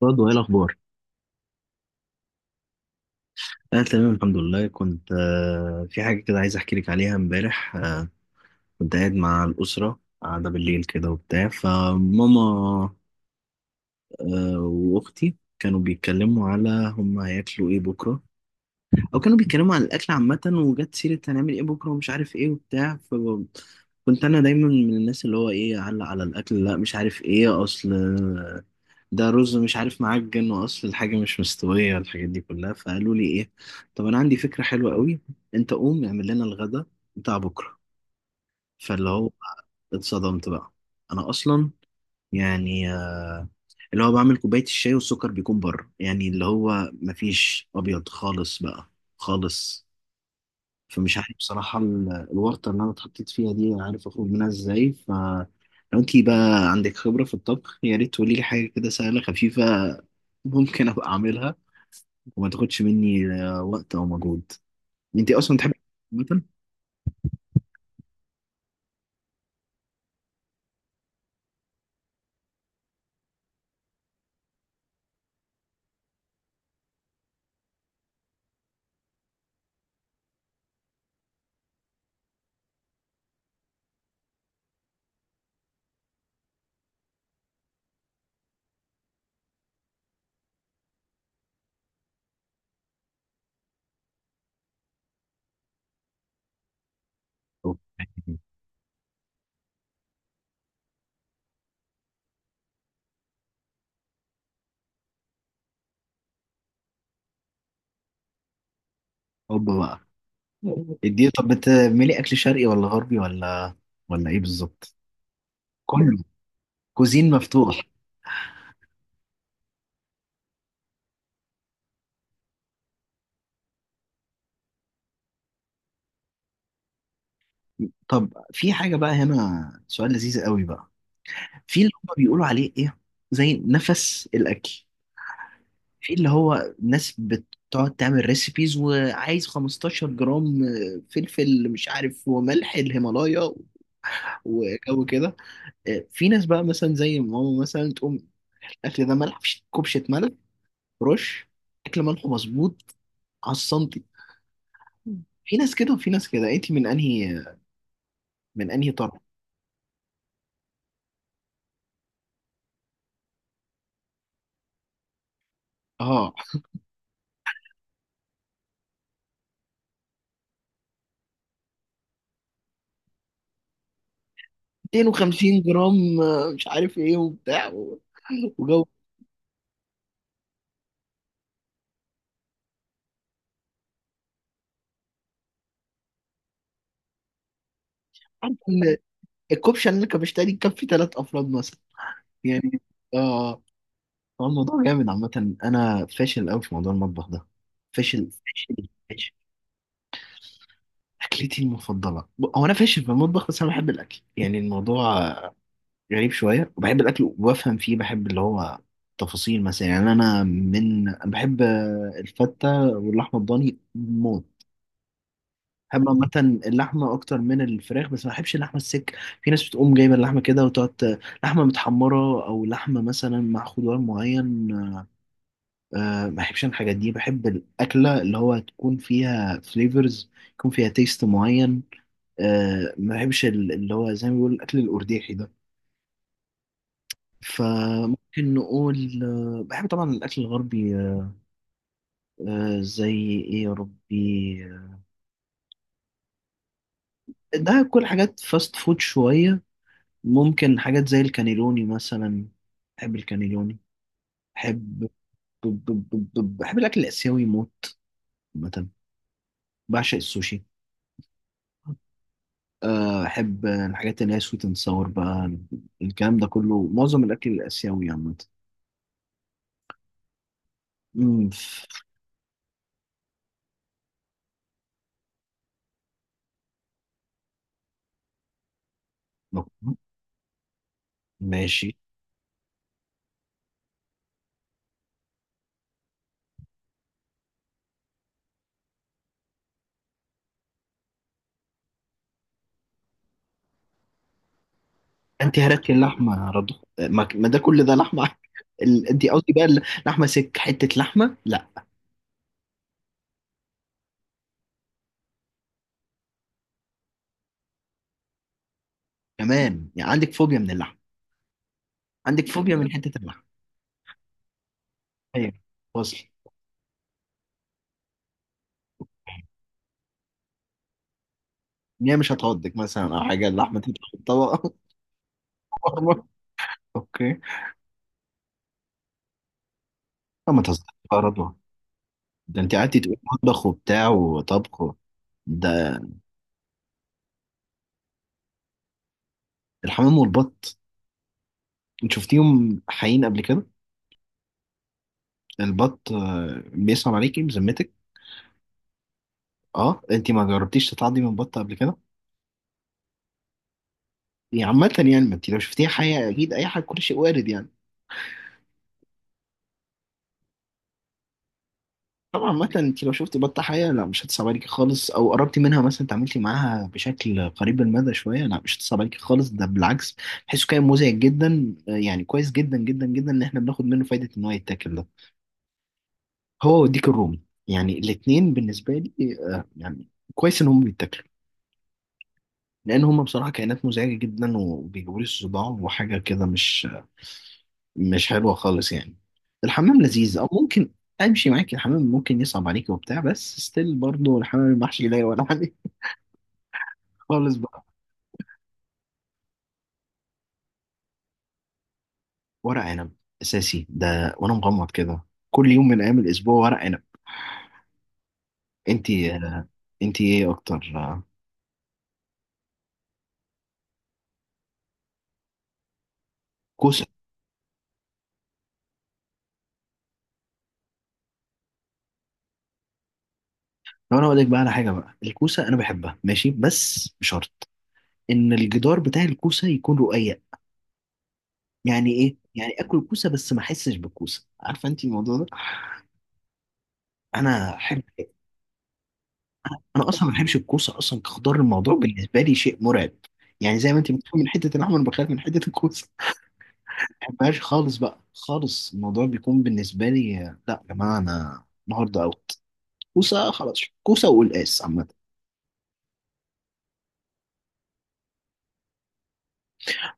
برضه ايه الاخبار؟ انا تمام الحمد لله. كنت في حاجه كده عايز احكي لك عليها امبارح. كنت قاعد مع الاسره قاعده بالليل كده وبتاع فماما. واختي كانوا بيتكلموا على هم هياكلوا ايه بكره، او كانوا بيتكلموا عن الاكل عامه، وجت سيره هنعمل ايه بكره ومش عارف ايه وبتاع. ف كنت انا دايما من الناس اللي هو ايه اعلق على الاكل، لا مش عارف ايه، اصل ده رز مش عارف، معجن، واصل الحاجه مش مستويه، الحاجات دي كلها. فقالوا لي ايه؟ طب انا عندي فكره حلوه قوي، انت قوم اعمل لنا الغدا بتاع بكره. فاللي هو اتصدمت بقى، انا اصلا يعني اللي هو بعمل كوبايه الشاي والسكر بيكون بره، يعني اللي هو مفيش ابيض خالص بقى خالص. فمش عارف بصراحه الورطه اللي انا اتحطيت فيها دي، عارف اخرج منها ازاي؟ ف لو انتي بقى عندك خبره في الطبخ يا ريت تقولي لي حاجه كده سهله خفيفه ممكن ابقى اعملها، وما تاخدش مني وقت او مجهود. انت اصلا تحب مثلا؟ اوبا بقى، اديه. طب بتعملي اكل شرقي ولا غربي، ولا ولا ايه بالظبط؟ كله، كوزين مفتوح. طب في حاجه بقى هنا، سؤال لذيذ قوي بقى. في اللي هم بيقولوا عليه ايه، زي نفس الاكل، في اللي هو ناس بتقعد تعمل ريسيبيز وعايز 15 جرام فلفل، مش عارف، وملح الهيمالايا، وجو كده. في ناس بقى مثلا زي ماما مثلا تقوم الاكل ده ملح، كبشه ملح، رش. اكل ملح مظبوط على السنتي. في ناس كده وفي ناس كده، انت من انهي طرف؟ اه، 250 جرام مش عارف ايه وبتاع وجو. عارف ان الكبشه اللي انا كبشتها دي تكفي ثلاث افراد مثلا، يعني اه. هو الموضوع جامد عامه، انا فاشل قوي في موضوع المطبخ ده، فاشل فاشل فاشل. اكلتي المفضله، هو انا فاشل في المطبخ، بس انا بحب الاكل، يعني الموضوع غريب شوية. وبحب الأكل وبفهم فيه، بحب اللي هو تفاصيل مثلا. يعني أنا من أنا بحب الفتة واللحمة الضاني موت. بحب عامة اللحمة أكتر من الفراخ، بس ما بحبش اللحمة السك. في ناس بتقوم جايبة اللحمة كده وتقعد لحمة متحمرة، أو لحمة مثلا مع خضار معين. أه ما بحبش أنا الحاجات دي. بحب الأكلة اللي هو تكون فيها فليفرز، يكون فيها تيست معين. أه ما بحبش اللي هو زي ما بيقول الأكل الأرديحي ده. فممكن نقول بحب طبعا الأكل الغربي، زي إيه يا ربي. ده كل حاجات فاست فود شوية. ممكن حاجات زي الكانيلوني مثلا، بحب الكانيلوني. بحب ب- ب- بحب الأكل الآسيوي موت. مثلا بعشق السوشي. أحب الحاجات اللي هي سويت اند ساور بقى. الكلام ده كله معظم الأكل الآسيوي عامة. أمم، ف- ماشي. انت هرقتي اللحمه يا رضوى، ما ما ده كل ده لحمه. انت قصدي بقى اللحمه سك، حته لحمه لا. كمان يعني عندك فوبيا من اللحمه، عندك فوبيا من حته اللحمه؟ ايوه، وصل. ان هي مش هتعضك مثلا، او حاجه اللحمه تطلع في الطبق. اوكي. لا ما تهزرش بقى يا رضوى، ده انت قعدتي تقولي مطبخ وبتاع وطبخ ده. الحمام والبط، انت شفتيهم حقيقيين قبل كده؟ البط بيسلم عليكي بذمتك. اه، انت ما جربتيش تتعضي من بط قبل كده؟ يعني عامة يعني، ما انت لو شفتيها حياة اكيد اي حاجة، كل شيء وارد يعني. طبعا عامة، انت لو شفتي بطة حياة لا مش هتصعب عليكي خالص، او قربتي منها مثلا، تعاملتي معاها بشكل قريب المدى شوية، لا مش هتصعب عليكي خالص، ده بالعكس. بحسه كائن مزعج جدا، يعني كويس جدا جدا جدا ان احنا بناخد منه فايدة، ان هو يتاكل ده. هو والديك الرومي، يعني الاتنين بالنسبة لي يعني كويس ان هم بيتاكلوا، لان هم بصراحه كائنات مزعجه جدا وبيجيبوا لي صداع وحاجه كده، مش مش حلوه خالص يعني. الحمام لذيذ او ممكن امشي معاك، الحمام ممكن يصعب عليك وبتاع، بس ستيل برضه الحمام المحشي لا ولا عليه خالص بقى. ورق عنب، اساسي ده وانا مغمض كده، كل يوم من ايام الاسبوع ورق عنب. انت انت ايه اكتر، كوسه؟ لو انا اقول لك بقى على حاجه بقى، الكوسه انا بحبها ماشي، بس بشرط ان الجدار بتاع الكوسه يكون رقيق. يعني ايه؟ يعني اكل كوسه بس ما احسش بالكوسه، عارفه انت الموضوع ده؟ انا احب انا اصلا ما بحبش الكوسه اصلا كخضار، الموضوع بالنسبه لي شيء مرعب. يعني زي ما انت بتخاف من حته اللحمه، انا بخاف من حته الكوسه. ما بحبهاش خالص بقى خالص، الموضوع بيكون بالنسبه لي، لا يا جماعه انا النهارده اوت، كوسه خلاص، كوسه وقلقاس عامه.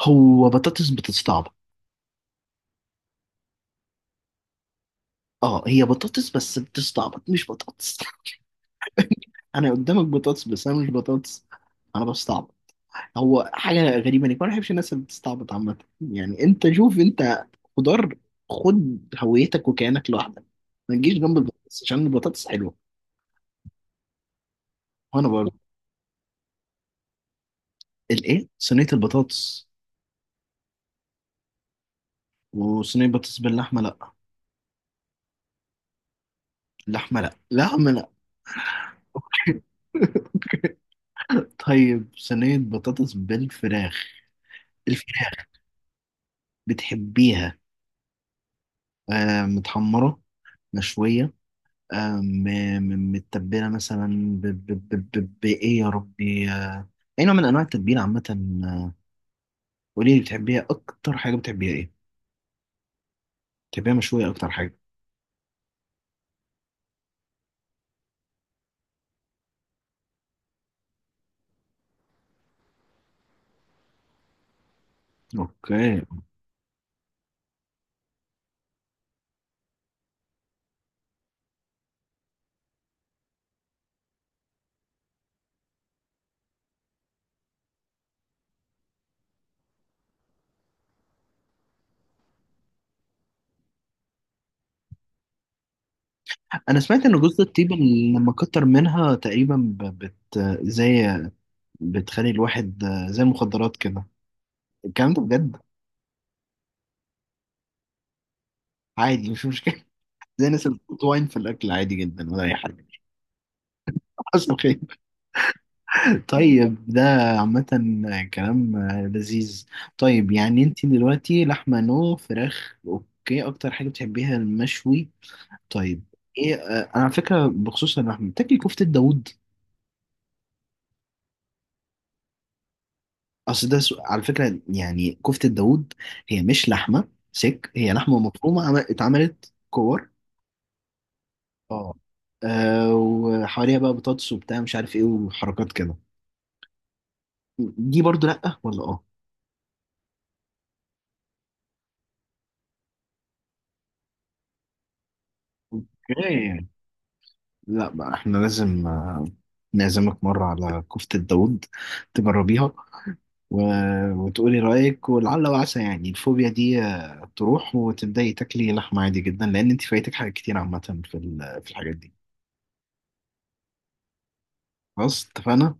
هو بطاطس بتستعبط؟ اه، هي بطاطس بس بتستعبط، مش بطاطس. انا قدامك بطاطس، بس انا مش بطاطس، انا بستعبط. هو حاجة غريبة انك ما بحبش الناس اللي بتستعبط عامة، يعني انت شوف، انت خضار، خد هويتك وكيانك لوحدك، ما تجيش جنب البطاطس عشان البطاطس حلوة. وانا برضه. الايه، صينية البطاطس؟ وصينية بطاطس باللحمة لا؟ لحمة لا، لحمة لا. طيب صينية بطاطس بالفراخ، الفراخ بتحبيها آه متحمرة مشوية، آه، م- متبلة مثلا؟ بإيه يا ربي، أي نوع من أنواع التتبيلة عامة؟ آه، قولي لي، بتحبيها أكتر حاجة، بتحبيها إيه؟ بتحبيها مشوية أكتر حاجة؟ أوكي. أنا سمعت إن جوز الطيب اللي لما كتر منها تقريبا بت زي، بتخلي الواحد زي المخدرات كده. الكلام ده بجد؟ عادي مش مشكلة. زي الناس اللي بتحط واين في الأكل، عادي جدا ولا أي حاجة. حصل خير. طيب ده عامة كلام لذيذ. طيب يعني انت دلوقتي لحمة نو فراخ اوكي، اكتر حاجة بتحبيها المشوي. طيب ايه اه، انا على فكرة بخصوص اللحمة، بتاكلي كفتة داوود؟ اصل ده على فكرة يعني كفتة داوود هي مش لحمة سك، هي لحمة مفرومة اتعملت كور. اه، اه، وحواليها بقى بطاطس وبتاع مش عارف ايه، وحركات كده. دي برضو لأ ولا اه؟ اوكي. لا بقى احنا لازم نعزمك مرة على كفتة داوود تجربيها و... وتقولي رأيك، ولعل وعسى يعني الفوبيا دي تروح وتبدأي تاكلي لحمة عادي جدا، لأن انت فايتك حاجات كتير عامة في في الحاجات دي. خلاص اتفقنا؟